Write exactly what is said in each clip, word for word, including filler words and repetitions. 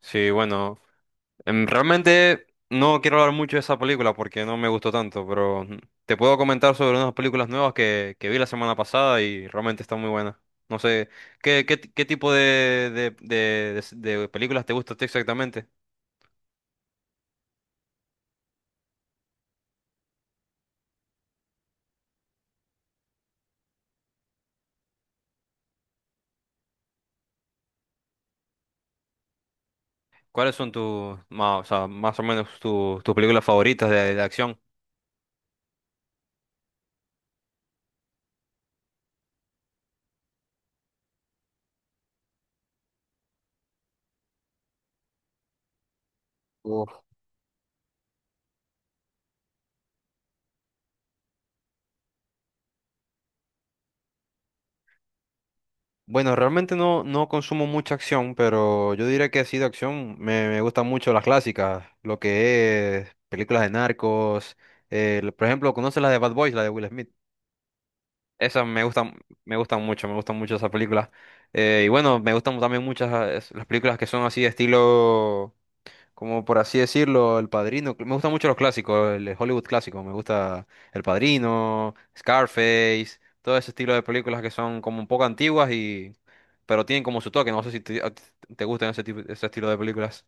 Sí, bueno, em, realmente no quiero hablar mucho de esa película porque no me gustó tanto, pero te puedo comentar sobre unas películas nuevas que, que vi la semana pasada y realmente están muy buenas. No sé, ¿qué, qué, qué tipo de, de, de, de- de películas te gusta a ti exactamente? ¿Cuáles son tus, más, o sea, más o menos tus, tus películas favoritas de, de acción? Bueno, realmente no, no consumo mucha acción, pero yo diría que así de acción me, me gustan mucho las clásicas, lo que es películas de narcos, eh, lo- por ejemplo, ¿conoces la de Bad Boys, la de Will Smith? Esas me gustan, me gustan mucho, me gustan mucho esas películas. Eh, y bueno, me gustan también muchas eh, las películas que son así de estilo, como por así decirlo, El Padrino. Me gustan mucho los clásicos, el Hollywood clásico. Me gusta El Padrino, Scarface, todo ese estilo de películas que son como un poco antiguas y... pero tienen como su toque. No sé si te, a ti te gustan ese tipo, ese estilo de películas.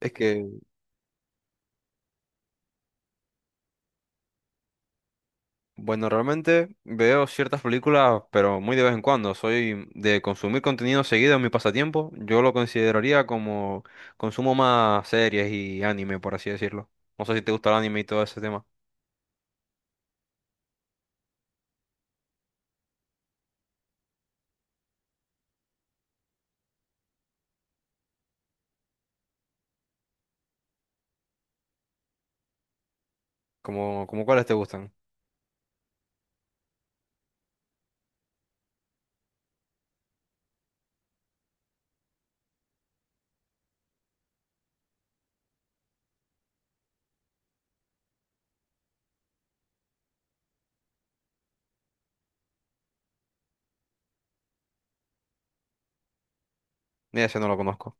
Es que, bueno, realmente veo ciertas películas, pero muy de vez en cuando. Soy de consumir contenido seguido en mi pasatiempo. Yo lo consideraría como consumo más series y anime, por así decirlo. No sé si te gusta el anime y todo ese tema. Como, como cuáles te gustan. Mira, ese no lo conozco.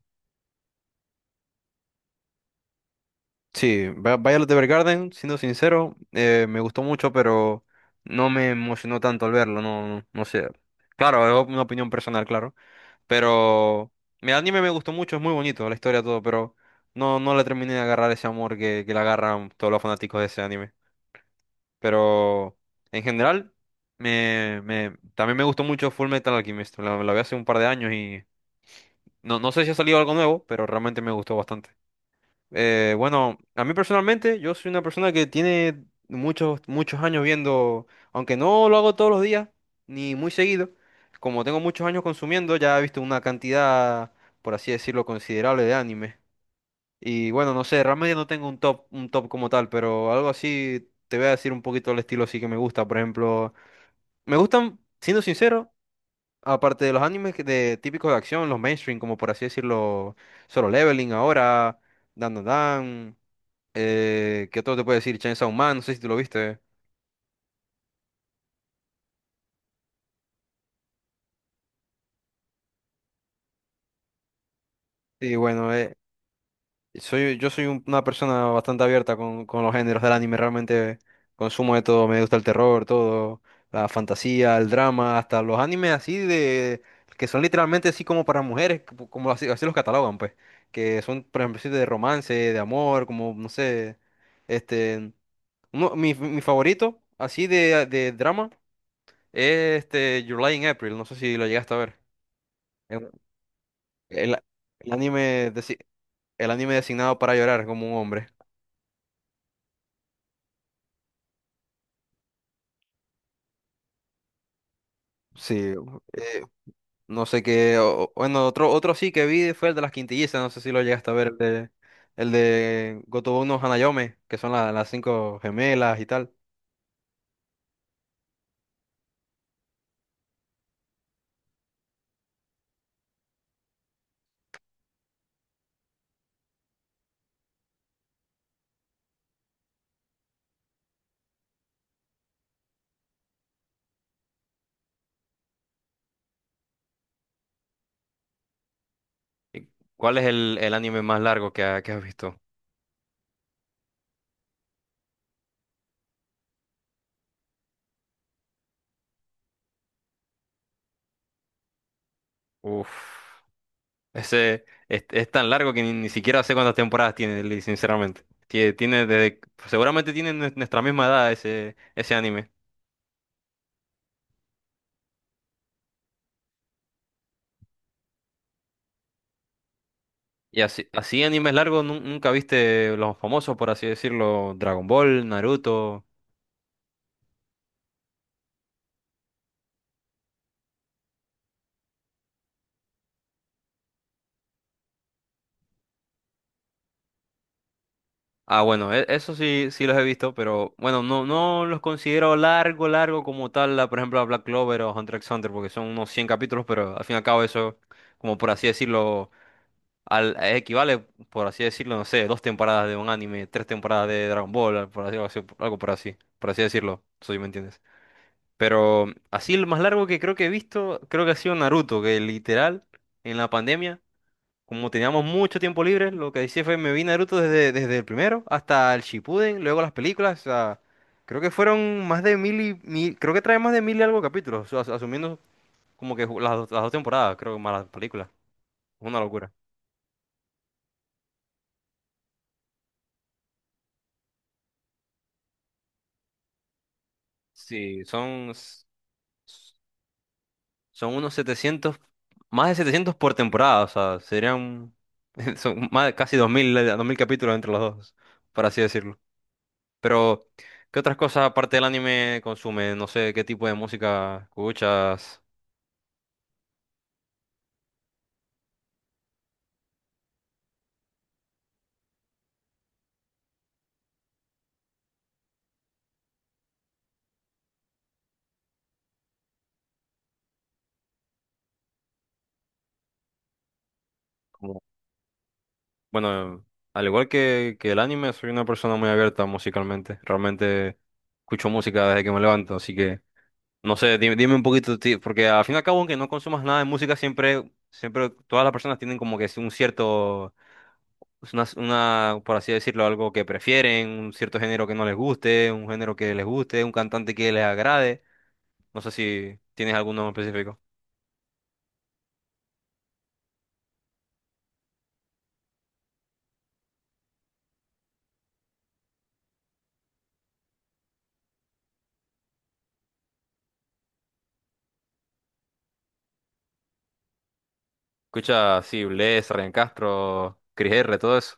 Sí, Vi- Violet Evergarden, siendo sincero, eh, me gustó mucho, pero no me emocionó tanto al verlo, no, no, no sé. Claro, es una opinión personal, claro. Pero el anime me gustó mucho, es muy bonito, la historia, todo, pero no, no le terminé de agarrar ese amor que, que le agarran todos los fanáticos de ese anime. Pero en general, me, me, también me gustó mucho Full Metal Alchemist, la, la vi hace un par de años y no, no sé si ha salido algo nuevo, pero realmente me gustó bastante. Eh, bueno, a mí personalmente, yo soy una persona que tiene muchos, muchos años viendo, aunque no lo hago todos los días, ni muy seguido, como tengo muchos años consumiendo, ya he visto una cantidad, por así decirlo, considerable de anime. Y bueno, no sé, realmente no tengo un top, un top como tal, pero algo así te voy a decir un poquito el estilo sí que me gusta. Por ejemplo, me gustan, siendo sincero, aparte de los animes que- de típicos de acción, los mainstream, como por así decirlo, Solo Leveling ahora, Dan Dan Dan. Eh, ¿qué otro te puedo decir? Chainsaw Man, no sé si tú lo viste. Sí, bueno, eh, soy, yo soy un- una persona bastante abierta con, con los géneros del anime. Realmente consumo de todo, me gusta el terror, todo, la fantasía, el drama, hasta los animes así de, que son literalmente así como para mujeres, como, como así, así los catalogan, pues, que son, por ejemplo, así de romance, de amor, como, no sé, este, uno- mi, mi favorito, así de, de drama, es este, Your Lie in April, no sé si lo llegaste a ver. El, el anime desi- el anime designado para llorar como un hombre. Sí, eh, no sé qué. o- bueno, otro, otro sí que vi fue el de las quintillizas. No sé si lo llegaste a ver. El de, el de Gotobu no Hanayome, que son la- las cinco gemelas y tal. ¿Y ¿Cuál es el, el anime más largo que, ha- que has visto? Uf. Ese es, es tan largo que ni, ni siquiera sé cuántas temporadas tiene, Lee, sinceramente. Tiene, tiene desde- seguramente tiene nue- nuestra misma edad ese, ese anime. Y así, así animes largos, nun- nunca viste los famosos, por así decirlo, Dragon Ball, Naruto. Ah, bueno, e- eso sí, sí los he visto, pero bueno, no, no los considero largo, largo como tal, la- por ejemplo, a Black Clover o Hunter x Hunter, porque son unos cien capítulos, pero al fin y al cabo eso, como por así decirlo, al, eh, equivale, por así decirlo, no sé, dos temporadas de un anime, tres temporadas de Dragon Ball, por así, algo así, algo por así, por así decirlo, si me entiendes. Pero así lo más largo que creo que he visto, creo que ha sido Naruto, que literal en la pandemia, como teníamos mucho tiempo libre, lo que hice fue me vi Naruto desde, desde el primero hasta el Shippuden, luego las películas, o sea, creo que fueron más de mil y mil, creo que trae más de mil y algo capítulos, as- asumiendo como que ju- las, dos- las dos temporadas, creo que más las películas, una locura. Sí, son, Son unos setecientos, más de setecientos por temporada, o sea, serían son más de casi dos mil, eh, dos mil capítulos entre los dos, por así decirlo. Pero, ¿qué otras cosas aparte del anime consumes? No sé, ¿qué tipo de música escuchas? Como- Bueno, al igual que, que el anime, soy una persona muy abierta musicalmente. Realmente escucho música desde que me levanto, así que, no sé, dime, dime un poquito, ti- porque al fin y al cabo, aunque no consumas nada de música, siempre, siempre todas las personas tienen como que un cierto. Es una, una, por así decirlo, algo que prefieren, un cierto género que no les guste, un género que les guste, un cantante que les agrade. No sé si tienes alguno en específico. Escucha, sí, Bless, Ryan Castro, Cris R, todo eso.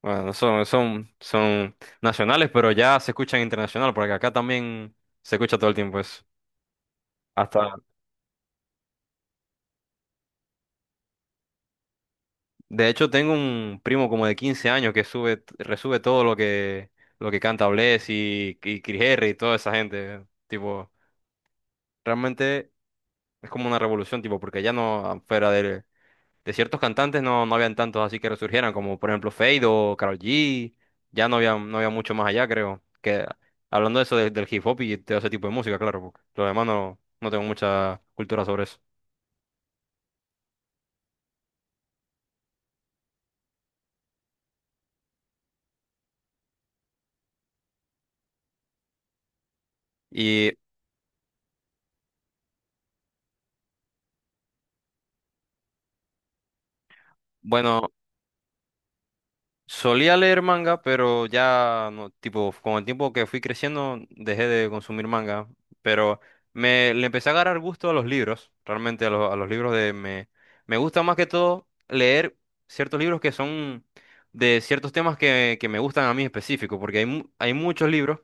Bueno, son, son, son nacionales, pero ya se escuchan internacional, porque acá también se escucha todo el tiempo eso. Hasta, de hecho, tengo un primo como de quince años que sube, resube todo lo que, lo que canta Bless y, y Cris R y toda esa gente. Tipo, realmente. Es como una revolución, tipo, porque ya no, fuera de, de ciertos cantantes, no, no habían tantos así que resurgieran, como por ejemplo Fade o Karol G. Ya no había, no había mucho más allá, creo. Que hablando de eso de- del hip hop y todo ese tipo de música, claro, porque lo demás no, no tengo mucha cultura sobre eso. Y bueno, solía leer manga, pero ya no, tipo, con el tiempo que fui creciendo dejé de consumir manga, pero me le empecé a agarrar gusto a los libros, realmente a, lo- a los libros. De me me gusta más que todo leer ciertos libros que son de ciertos temas que, que me gustan a mí específico, porque hay mu- hay muchos libros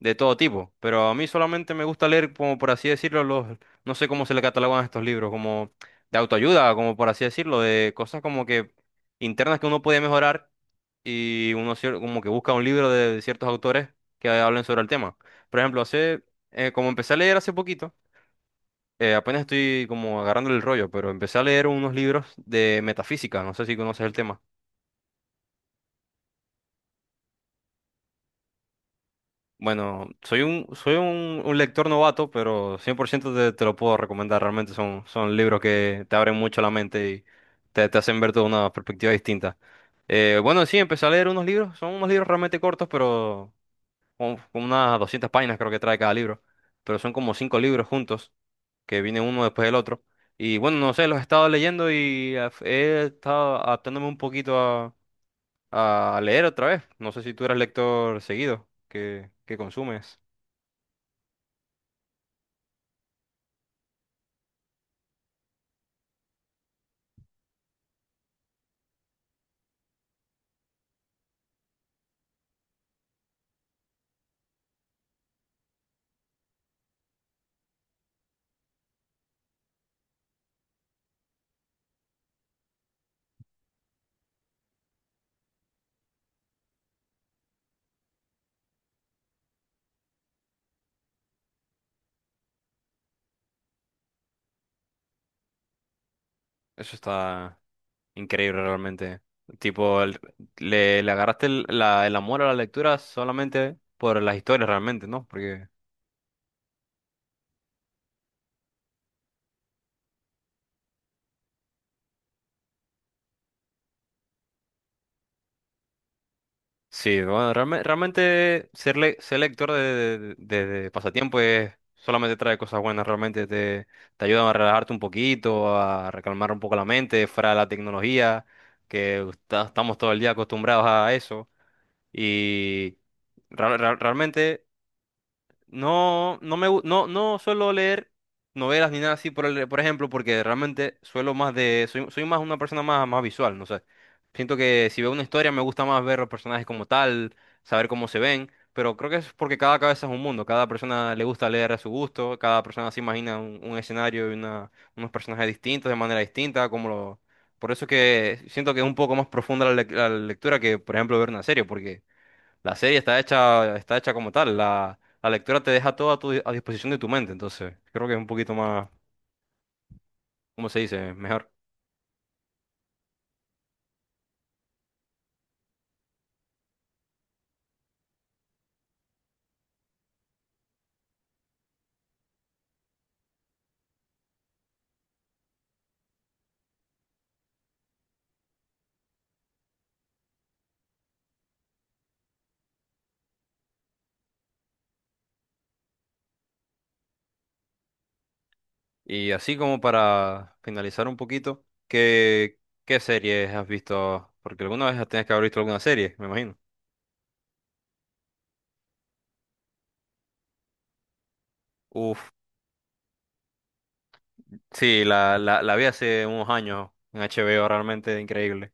de todo tipo, pero a mí solamente me gusta leer, como por así decirlo, los, no sé cómo se le catalogan estos libros, como de autoayuda, como por así decirlo, de cosas como que internas que uno puede mejorar y uno cier- como que busca un libro de ciertos autores que hablen sobre el tema. Por ejemplo, hace, eh, como empecé a leer hace poquito, eh, apenas estoy como agarrando el rollo, pero empecé a leer unos libros de metafísica, no sé si conoces el tema. Bueno, soy un, soy un, un lector novato, pero cien por ciento te, te lo puedo recomendar. Realmente son, son libros que te abren mucho la mente y te, te hacen ver toda una perspectiva distinta. Eh, bueno, sí, empecé a leer unos libros. Son unos libros realmente cortos, pero con, con unas doscientas páginas creo que trae cada libro. Pero son como cinco libros juntos, que vienen uno después del otro. Y bueno, no sé, los he estado leyendo y eh, he estado adaptándome un poquito a, a leer otra vez. No sé si tú eres lector seguido, que, que consumes. Eso está increíble realmente. Tipo, el- le, le agarraste el, la, el amor a la lectura solamente por las historias realmente, ¿no? Porque sí, bueno, realme- realmente ser, le- ser lector de, de- de- de pasatiempo es, solamente trae cosas buenas, realmente te, te ayuda a relajarte un poquito, a recalmar un poco la mente fuera de la tecnología, que está- estamos todo el día acostumbrados a eso. Y real- real- realmente... No, no me, gu- no, no suelo leer novelas ni nada así por el- por ejemplo, porque realmente suelo más de, soy, soy más una persona más, más visual, no sé. Siento que si veo una historia me gusta más ver los personajes como tal, saber cómo se ven, pero creo que es porque cada cabeza es un mundo, cada persona le gusta leer a su gusto, cada persona se imagina un, un escenario y una, unos personajes distintos de manera distinta, como lo, por eso es que siento que es un poco más profunda la, lec- la lectura que, por ejemplo, ver una serie, porque la serie está hecha, está hecha como tal. La, la lectura te deja todo a, tu, a disposición de tu mente. Entonces, creo que es un poquito más, ¿cómo se dice? Mejor. Y así como para finalizar un poquito, ¿qué, qué series has visto? Porque alguna vez tienes que haber visto alguna serie, me imagino. Uf, sí, la, la, la vi hace unos años en H B O, realmente increíble.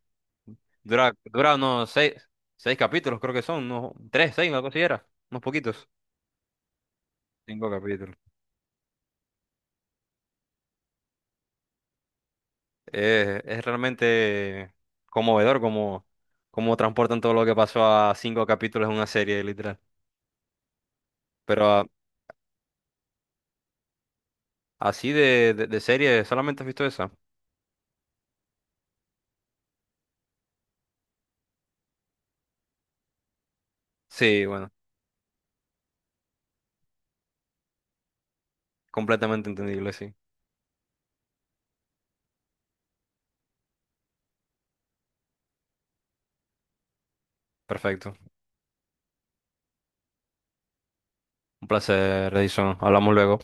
Dura, dura unos seis, seis capítulos, creo que son, unos tres, seis, algo así era unos poquitos. Cinco capítulos. Eh, es realmente conmovedor como, como transportan todo lo que pasó a cinco capítulos en una serie, literal. Pero a- así de, de, de serie, ¿solamente has visto esa? Sí, bueno, completamente entendible, sí. Perfecto. Un placer, Edison. Hablamos luego.